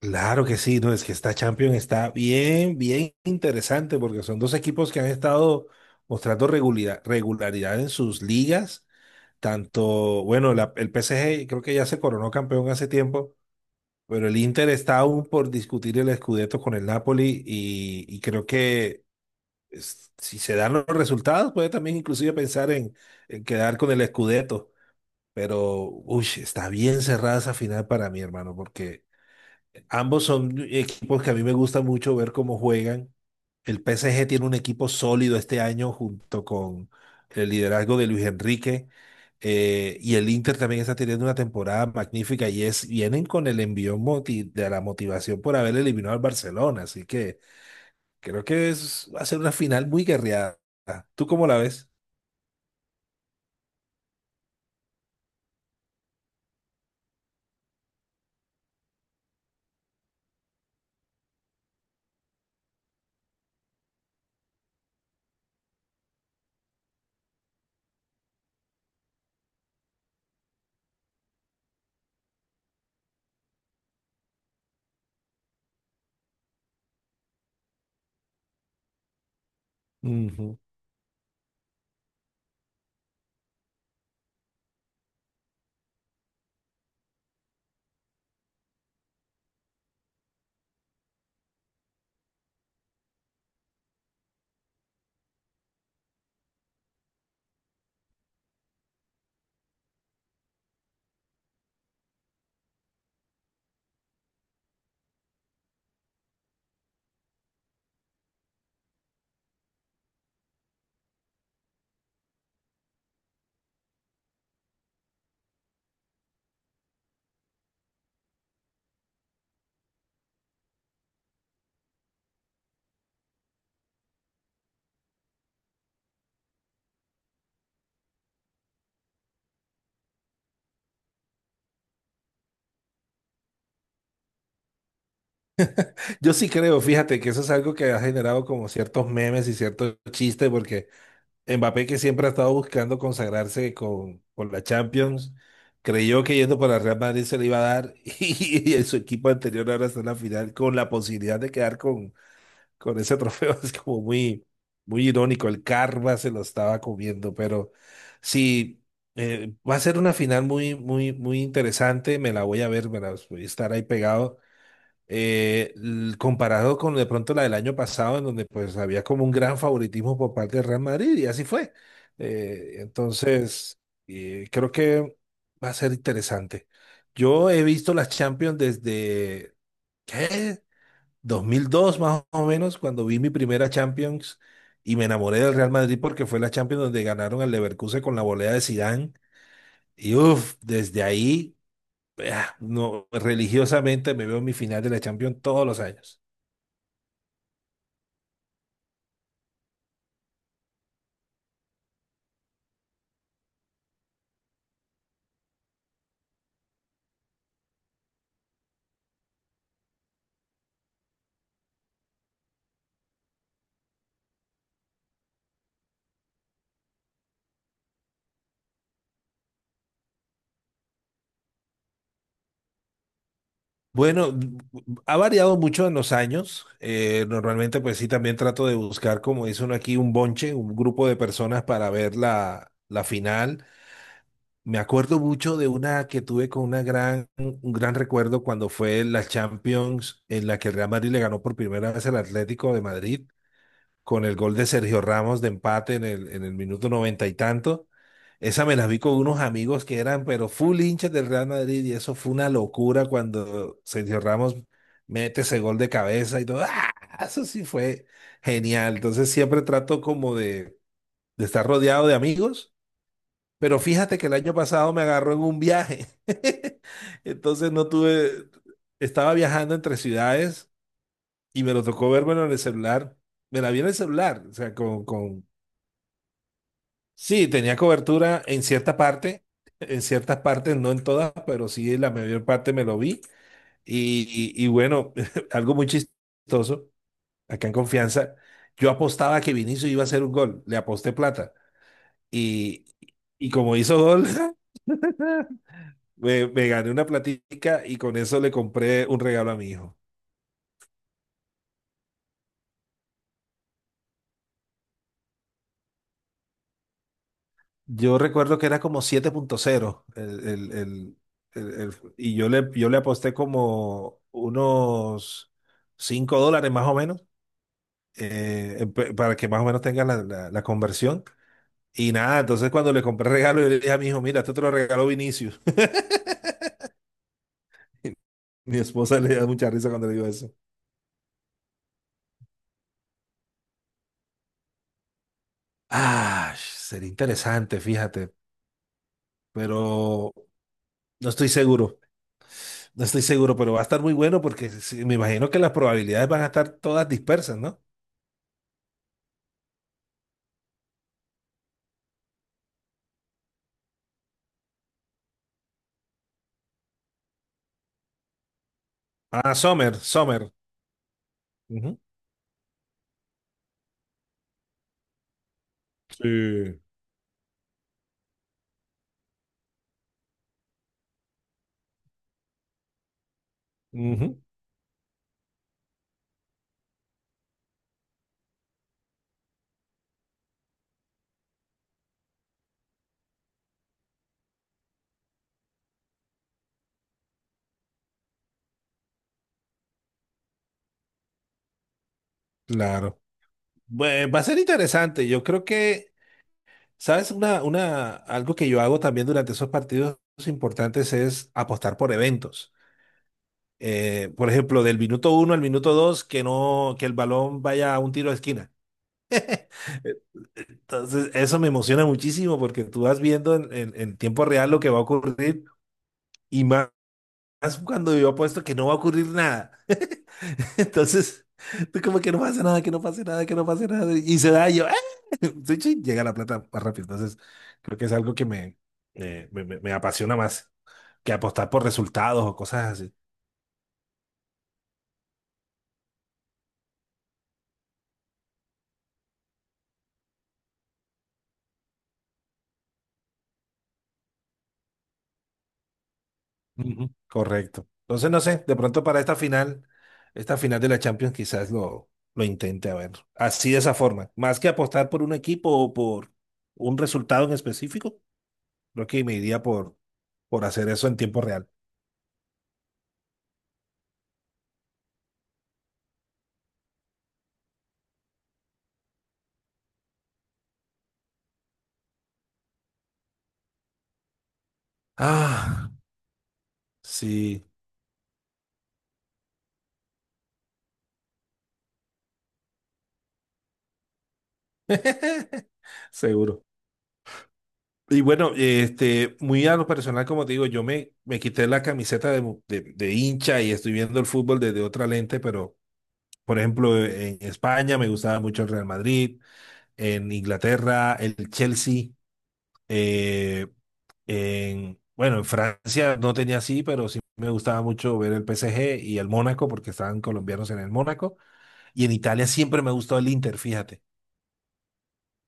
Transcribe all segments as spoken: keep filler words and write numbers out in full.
Claro que sí, no, es que esta Champions está bien, bien interesante porque son dos equipos que han estado mostrando regularidad, regularidad en sus ligas. Tanto, bueno, la- el P S G creo que ya se coronó campeón hace tiempo, pero el Inter está aún por discutir el Scudetto con el Napoli y, y creo que es- si se dan los resultados puede también inclusive pensar en, en quedar con el Scudetto. Pero, uy, está bien cerrada esa final para mí, hermano, porque... Ambos son equipos que a mí me gusta mucho ver cómo juegan. El P S G tiene un equipo sólido este año junto con el liderazgo de Luis Enrique. Eh, y el Inter también está teniendo una temporada magnífica y es, vienen con el envío moti- de la motivación por haber eliminado al Barcelona. Así que creo que es, va a ser una final muy guerreada. ¿Tú cómo la ves? Ujú. Yo sí creo, fíjate que eso es algo que ha generado como ciertos memes y ciertos chistes, porque Mbappé, que siempre ha estado buscando consagrarse con, con la Champions, creyó que yendo para el Real Madrid se le iba a dar y, en su equipo anterior ahora está en la final con la posibilidad de quedar con, con ese trofeo. Es como muy, muy irónico, el karma se lo estaba comiendo, pero sí, eh, va a ser una final muy, muy, muy interesante, me la voy a ver, me la voy a estar ahí pegado eh, l- comparado con de pronto la del año pasado, en donde pues había como un gran favoritismo por parte del Real Madrid, y así fue. Eh, entonces, eh, Creo que va a ser interesante. Yo he visto las Champions desde, ¿qué? dos mil dos más o menos, cuando vi mi primera Champions y me enamoré del Real Madrid porque fue la Champions donde ganaron al Leverkusen con la volea de Zidane. Y uff, desde ahí, ah, no, religiosamente me veo mi final de la Champions todos los años. Bueno, ha variado mucho en los años. Eh, normalmente, pues sí, también trato de buscar, como dice uno aquí, un bonche, un grupo de personas para ver la, la final. Me acuerdo mucho de una que tuve con una gran, un gran recuerdo cuando fue la Champions en la que el Real Madrid le ganó por primera vez al Atlético de Madrid con el gol de Sergio Ramos de empate en el, en el minuto noventa y tanto. Esa me la vi con unos amigos que eran, pero full hinchas del Real Madrid, y eso fue una locura cuando Sergio Ramos mete ese gol de cabeza y todo. ¡Ah! Eso sí fue genial. Entonces siempre trato como de, de estar rodeado de amigos, pero fíjate que el año pasado me agarró en un viaje. Entonces no tuve, estaba viajando entre ciudades y me lo tocó verme en el celular. Me la vi en el celular, o sea, con, con, Sí, tenía cobertura en cierta parte, en ciertas partes, no en todas, pero sí en la mayor parte me lo vi. Y, y- y bueno, algo muy chistoso, acá en Confianza, yo apostaba que Vinicius iba a hacer un gol, le aposté plata. Y, y como hizo gol, me, me gané una platica y con eso le compré un regalo a mi hijo. Yo recuerdo que era como siete punto cero el, el, el, el- el- y yo le, yo le aposté como unos... cinco dólares más o menos. Eh, pe- para que más o menos tenga la, la- la conversión. Y nada, entonces cuando le compré el regalo, yo le dije a mi hijo, mira, esto te lo regaló Vinicius. Mi esposa le da mucha risa cuando le digo eso. Ah, sería interesante, fíjate, pero no estoy seguro, no estoy seguro, pero va a estar muy bueno porque sí, me imagino que las probabilidades van a estar todas dispersas, ¿no? Ah, Sommer, Sommer. Ujú. Sí. Ujú. Claro. Bue- va a ser interesante. Yo creo que... ¿Sabes? Una, una, algo que yo hago también durante esos partidos importantes es apostar por eventos. Eh, por ejemplo, del minuto uno al minuto dos, que no, que el balón vaya a un tiro de esquina. Entonces, eso me emociona muchísimo porque tú vas viendo en, en- en tiempo real lo que va a ocurrir. Y más cuando yo apuesto que no va a ocurrir nada. Entonces, tú como que no pasa nada, que no pase nada, que no pase nada. Y se da y yo, ¡ah! Sí, sí, llega la plata más rápido. Entonces, creo que es algo que me, eh, me, me- me apasiona más que apostar por resultados o cosas así. Ujú. Correcto. Entonces, no sé, de pronto para esta final, esta final de la Champions quizás lo, lo intente a ver. Así de esa forma. Más que apostar por un equipo o por un resultado en específico, creo que me iría por, por hacer eso en tiempo real. Ah, sí. Seguro. Y bueno, este, muy a lo personal, como te digo, yo me, me quité la camiseta de, mu- de, de hincha y estoy viendo el fútbol desde otra lente, pero por ejemplo, en España me gustaba mucho el Real Madrid, en Inglaterra el Chelsea, eh, en, bueno, en Francia no tenía así, pero sí me gustaba mucho ver el P S G y el Mónaco porque estaban colombianos en el Mónaco. Y en Italia siempre me ha gustado el Inter, fíjate.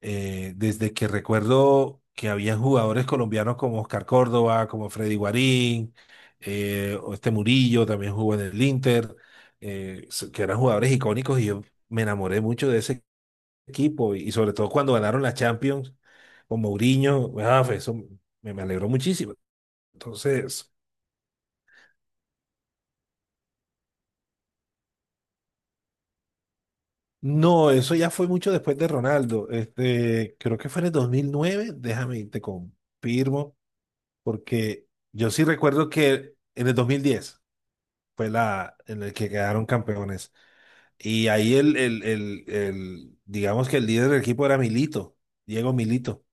Eh, desde que recuerdo que habían jugadores colombianos como Oscar Córdoba, como Freddy Guarín, eh, o este Murillo también jugó en el Inter, eh, so- que eran jugadores icónicos y yo me enamoré mucho de ese equipo y, y sobre todo cuando ganaron la Champions con Mourinho, ah, fue eso me, me alegró muchísimo. Entonces, no, eso ya fue mucho después de Ronaldo. Este, creo que fue en el dos mil nueve déjame, te confirmo. Porque yo sí recuerdo que en el dos mil diez fue la en el que quedaron campeones. Y ahí el, el, el, el- digamos que el líder del equipo era Milito, Diego Milito.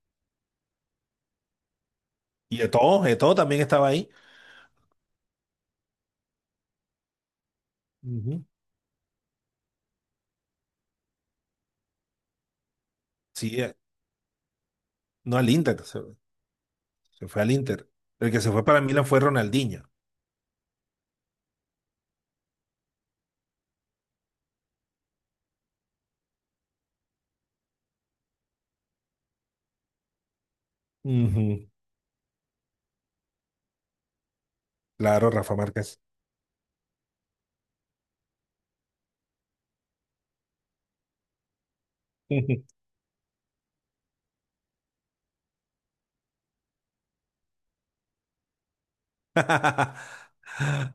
Y Eto'o, Eto'o también estaba ahí. Ujú. Sí, eh, no al Inter, se, se fue al Inter. El que se fue para Milan fue Ronaldinho. Ujú. Claro, Rafa Márquez.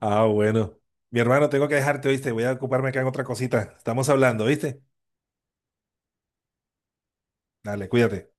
Ah, bueno. Mi hermano, tengo que dejarte, ¿viste? Voy a ocuparme acá en otra cosita. Estamos hablando, ¿viste? Dale, cuídate.